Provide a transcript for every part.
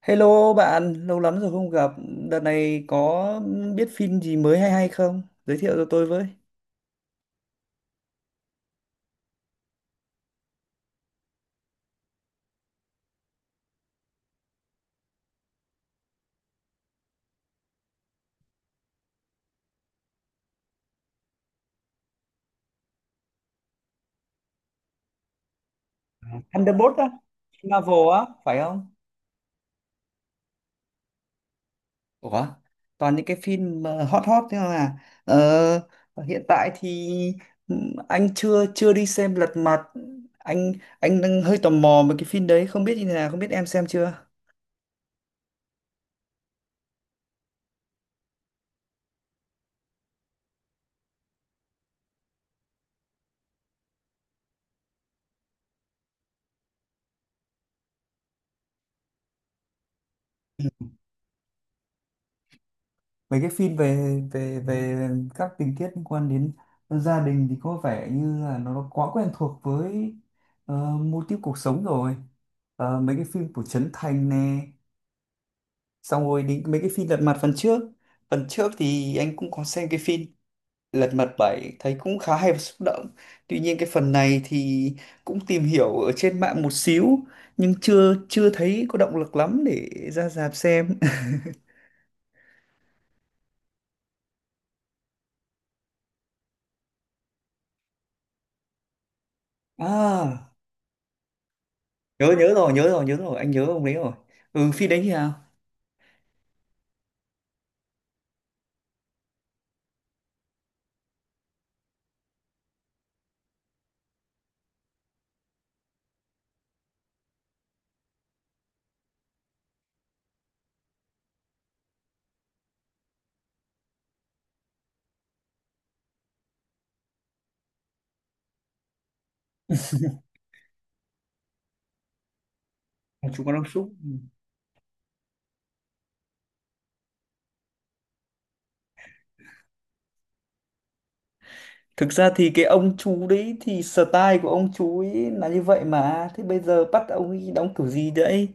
Hello bạn, lâu lắm rồi không gặp. Đợt này có biết phim gì mới hay hay không? Giới thiệu cho tôi với. Thunderbolt á, phim Marvel á, phải không? Ủa, toàn những cái phim hot hot thế mà. Hiện tại thì anh chưa chưa đi xem Lật Mặt. Anh anh đang hơi tò mò về cái phim đấy, không biết như thế nào, không biết em xem chưa? Mấy cái phim về về về các tình tiết liên quan đến gia đình thì có vẻ như là nó quá quen thuộc với mô típ cuộc sống rồi. Ờ, mấy cái phim của Trấn Thành nè, xong rồi đến mấy cái phim Lật Mặt phần trước. Phần trước thì anh cũng có xem cái phim Lật Mặt bảy, thấy cũng khá hay và xúc động. Tuy nhiên cái phần này thì cũng tìm hiểu ở trên mạng một xíu, nhưng chưa chưa thấy có động lực lắm để ra rạp xem. À, nhớ nhớ rồi, nhớ rồi, anh nhớ ông đấy rồi. Ừ, phim đấy như nào? Ông chú có ông súc. Ừ. Thực ra thì cái ông chú đấy thì style của ông chú ấy là như vậy mà, thế bây giờ bắt ông ấy đóng kiểu gì đấy?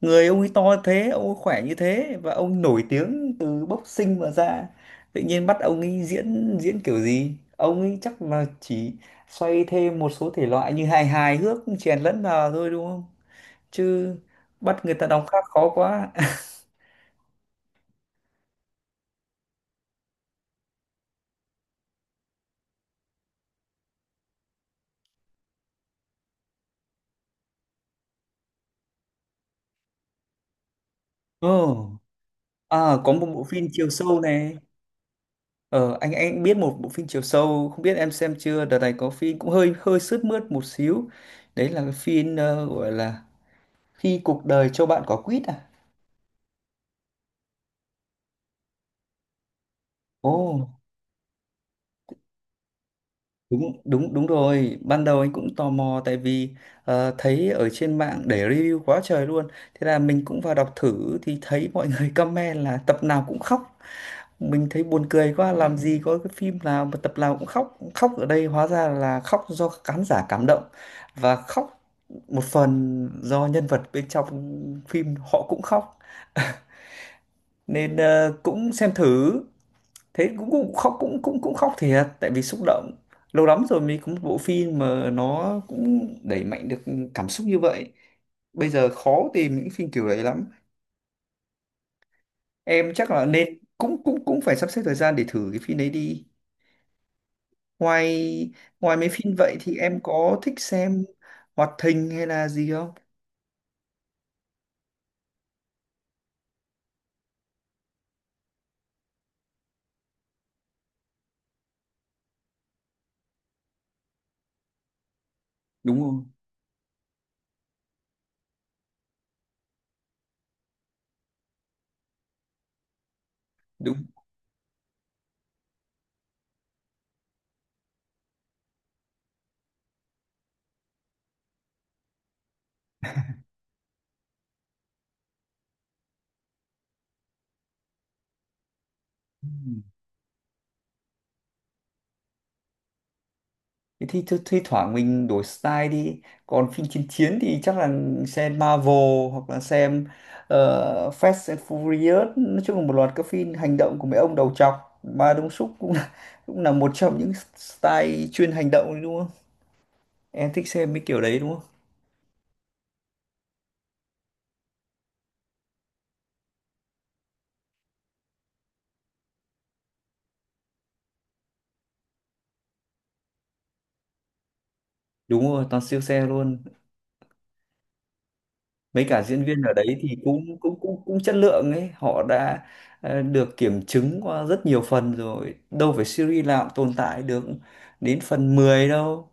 Người ông ấy to thế, ông ấy khỏe như thế và ông nổi tiếng từ boxing mà ra. Tự nhiên bắt ông ấy diễn diễn kiểu gì? Ông ấy chắc là chỉ xoay thêm một số thể loại như hài hài hước chèn lẫn vào thôi, đúng không? Chứ bắt người ta đóng khác khó quá. Ồ, à, có một bộ phim chiều sâu này. Ờ, anh biết một bộ phim chiều sâu, không biết em xem chưa? Đợt này có phim cũng hơi hơi sướt mướt một xíu. Đấy là cái phim gọi là Khi cuộc đời cho bạn quả quýt à? Ồ. Đúng đúng đúng rồi, ban đầu anh cũng tò mò tại vì thấy ở trên mạng để review quá trời luôn. Thế là mình cũng vào đọc thử thì thấy mọi người comment là tập nào cũng khóc. Mình thấy buồn cười quá, làm gì có cái phim nào mà tập nào cũng khóc. Khóc ở đây hóa ra là khóc do khán giả cảm động, và khóc một phần do nhân vật bên trong phim họ cũng khóc. Nên cũng xem thử, thế cũng cũng khóc, cũng cũng cũng khóc thiệt tại vì xúc động. Lâu lắm rồi mới có một bộ phim mà nó cũng đẩy mạnh được cảm xúc như vậy. Bây giờ khó tìm những phim kiểu đấy lắm, em chắc là nên cũng cũng cũng phải sắp xếp thời gian để thử cái phim đấy đi. Ngoài ngoài mấy phim vậy thì em có thích xem hoạt hình hay là gì không? Đúng không? Đúng. Thế thì thi thoảng mình đổi style đi. Còn phim chiến chiến thì chắc là xem Marvel hoặc là xem Fast and Furious, nói chung là một loạt các phim hành động của mấy ông đầu trọc. Ma Đông Súc cũng là một trong những style chuyên hành động đấy, đúng không? Em thích xem mấy kiểu đấy đúng không? Đúng rồi, toàn siêu xe luôn. Mấy cả diễn viên ở đấy thì cũng cũng cũng cũng chất lượng ấy, họ đã được kiểm chứng qua rất nhiều phần rồi, đâu phải series nào cũng tồn tại được đến phần 10 đâu.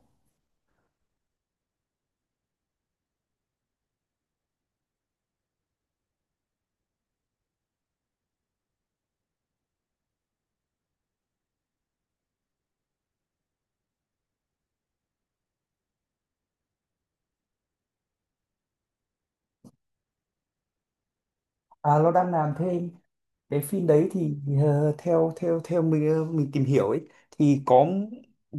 À, nó đang làm thêm cái phim đấy thì ờ, theo theo theo mình, mình tìm hiểu ấy thì có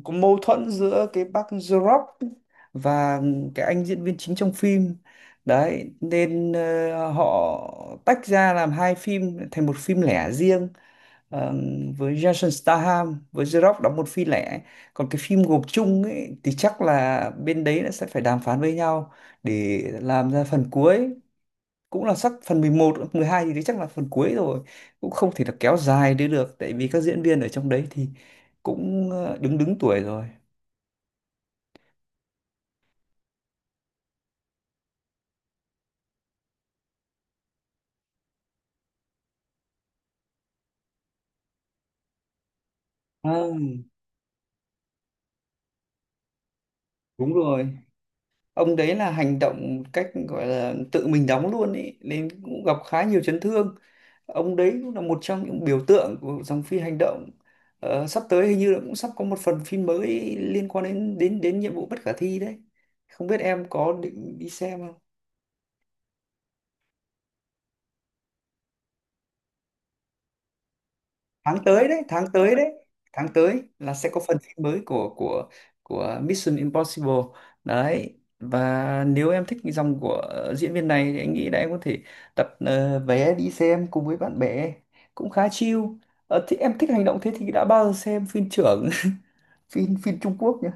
mâu thuẫn giữa cái bác Jorop và cái anh diễn viên chính trong phim đấy, nên họ tách ra làm hai phim thành một phim lẻ riêng. Ờ, với Jason Statham với Jorop đóng một phim lẻ, còn cái phim gộp chung ấy thì chắc là bên đấy nó sẽ phải đàm phán với nhau để làm ra phần cuối. Cũng là sắp phần mười một mười hai, thì đấy chắc là phần cuối rồi, cũng không thể là kéo dài đi được tại vì các diễn viên ở trong đấy thì cũng ờ, đứng đứng tuổi rồi. À, đúng rồi, ông đấy là hành động một cách gọi là tự mình đóng luôn ý, nên cũng gặp khá nhiều chấn thương. Ông đấy cũng là một trong những biểu tượng của dòng phim hành động. Ờ, sắp tới hình như là cũng sắp có một phần phim mới liên quan đến đến đến nhiệm vụ bất khả thi đấy, không biết em có định đi xem. Tháng tới đấy, tháng tới đấy, tháng tới là sẽ có phần phim mới của Mission Impossible đấy. Và nếu em thích cái dòng của diễn viên này thì anh nghĩ là em có thể đặt vé đi xem cùng với bạn bè, cũng khá chill. Ờ, thì em thích hành động, thế thì đã bao giờ xem phim trưởng phim phim Trung Quốc nhỉ?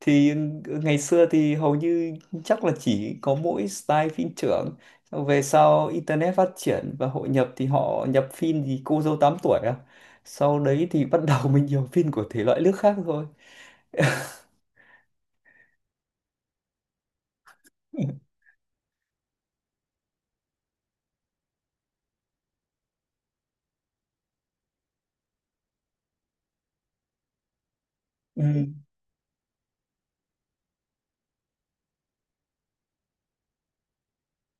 Thì ngày xưa thì hầu như chắc là chỉ có mỗi style phim trưởng. Xong về sau internet phát triển và hội nhập thì họ nhập phim gì cô dâu 8 tuổi à, sau đấy thì bắt đầu mình nhiều phim của thể loại nước khác thôi. Ừ,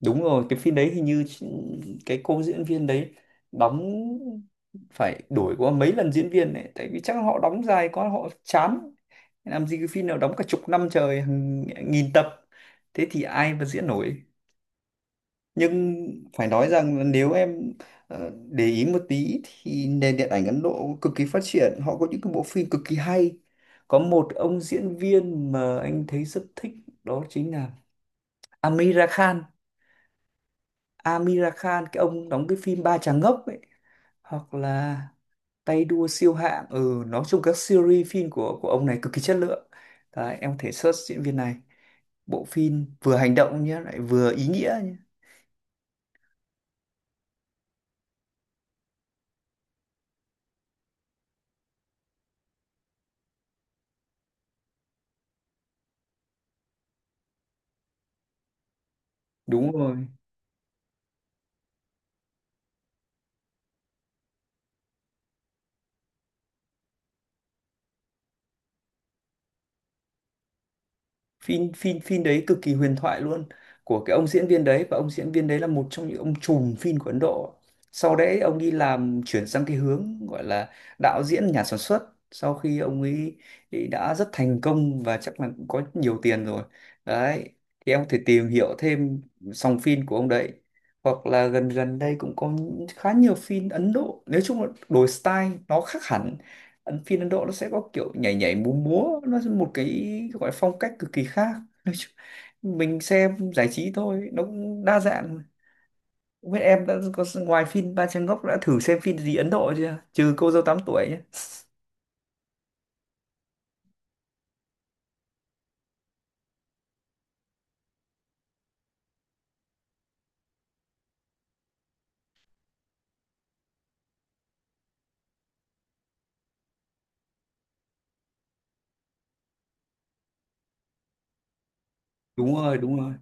đúng rồi, cái phim đấy hình như chị- cái cô diễn viên đấy đóng phải đổi qua mấy lần diễn viên đấy tại vì chắc họ đóng dài quá họ chán. Làm gì cái phim nào đóng cả chục năm trời, hàng nghìn tập, thế thì ai mà diễn nổi. Nhưng phải nói rằng nếu em để ý một tí thì nền điện ảnh Ấn Độ cực kỳ phát triển, họ có những cái bộ phim cực kỳ hay. Có một ông diễn viên mà anh thấy rất thích, đó chính là Amira Khan. Amira Khan, cái ông đóng cái phim Ba Chàng Ngốc ấy, hoặc là Tay Đua Siêu Hạng. Ừ, nói chung các series phim của ông này cực kỳ chất lượng. Đấy, em có thể search diễn viên này, bộ phim vừa hành động nhé, lại vừa ý nghĩa nhé. Đúng rồi, phim phim phim đấy cực kỳ huyền thoại luôn, của cái ông diễn viên đấy. Và ông diễn viên đấy là một trong những ông trùm phim của Ấn Độ. Sau đấy ông đi làm chuyển sang cái hướng gọi là đạo diễn, nhà sản xuất, sau khi ông ấy ấy đã rất thành công và chắc là cũng có nhiều tiền rồi. Đấy, thì em có thể tìm hiểu thêm dòng phim của ông đấy, hoặc là gần gần đây cũng có khá nhiều phim Ấn Độ. Nói chung là đổi style nó khác hẳn. Ấn, phim Ấn Độ nó sẽ có kiểu nhảy nhảy múa múa nó là một cái gọi là phong cách cực kỳ khác. Nói chung, mình xem giải trí thôi, nó cũng đa dạng. Không biết em đã có ngoài phim Ba Trang Ngốc đã thử xem phim gì Ấn Độ chưa, trừ cô dâu 8 tuổi nhé. Đúng rồi,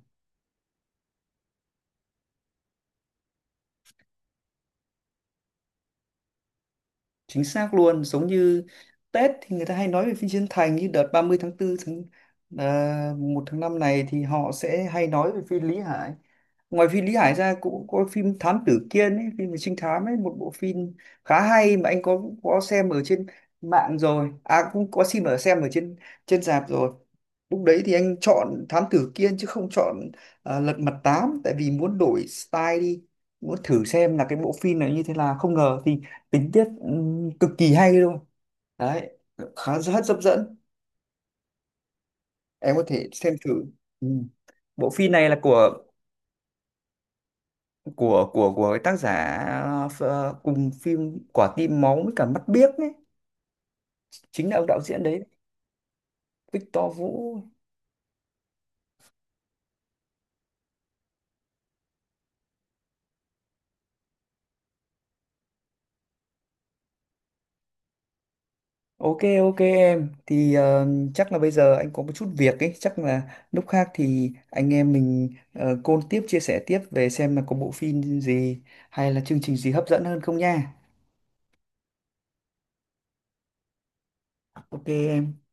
chính xác luôn. Giống như Tết thì người ta hay nói về phim Chiến Thành, như đợt 30 tháng tư, 1 tháng 5 này thì họ sẽ hay nói về phim Lý Hải. Ngoài phim Lý Hải ra cũng có phim Thám Tử Kiên ấy, phim về trinh thám ấy, một bộ phim khá hay mà anh có xem ở trên mạng rồi, à cũng có xem ở trên trên rạp rồi. Lúc đấy thì anh chọn Thám Tử Kiên chứ không chọn, à, Lật Mặt Tám, tại vì muốn đổi style đi, muốn thử xem là cái bộ phim này như thế nào. Không ngờ thì tình tiết cực kỳ hay luôn. Đấy, khá rất hấp dẫn, em có thể xem thử. Ừ, bộ phim này là của của cái tác giả cùng phim Quả tim máu với cả Mắt biếc ấy, chính là ông đạo diễn đấy, Victor Vũ. Ok, ok, em thì chắc là bây giờ anh có một chút việc ấy, chắc là lúc khác thì anh em mình call tiếp, chia sẻ tiếp về xem là có bộ phim gì hay là chương trình gì hấp dẫn hơn không nha. Ok em.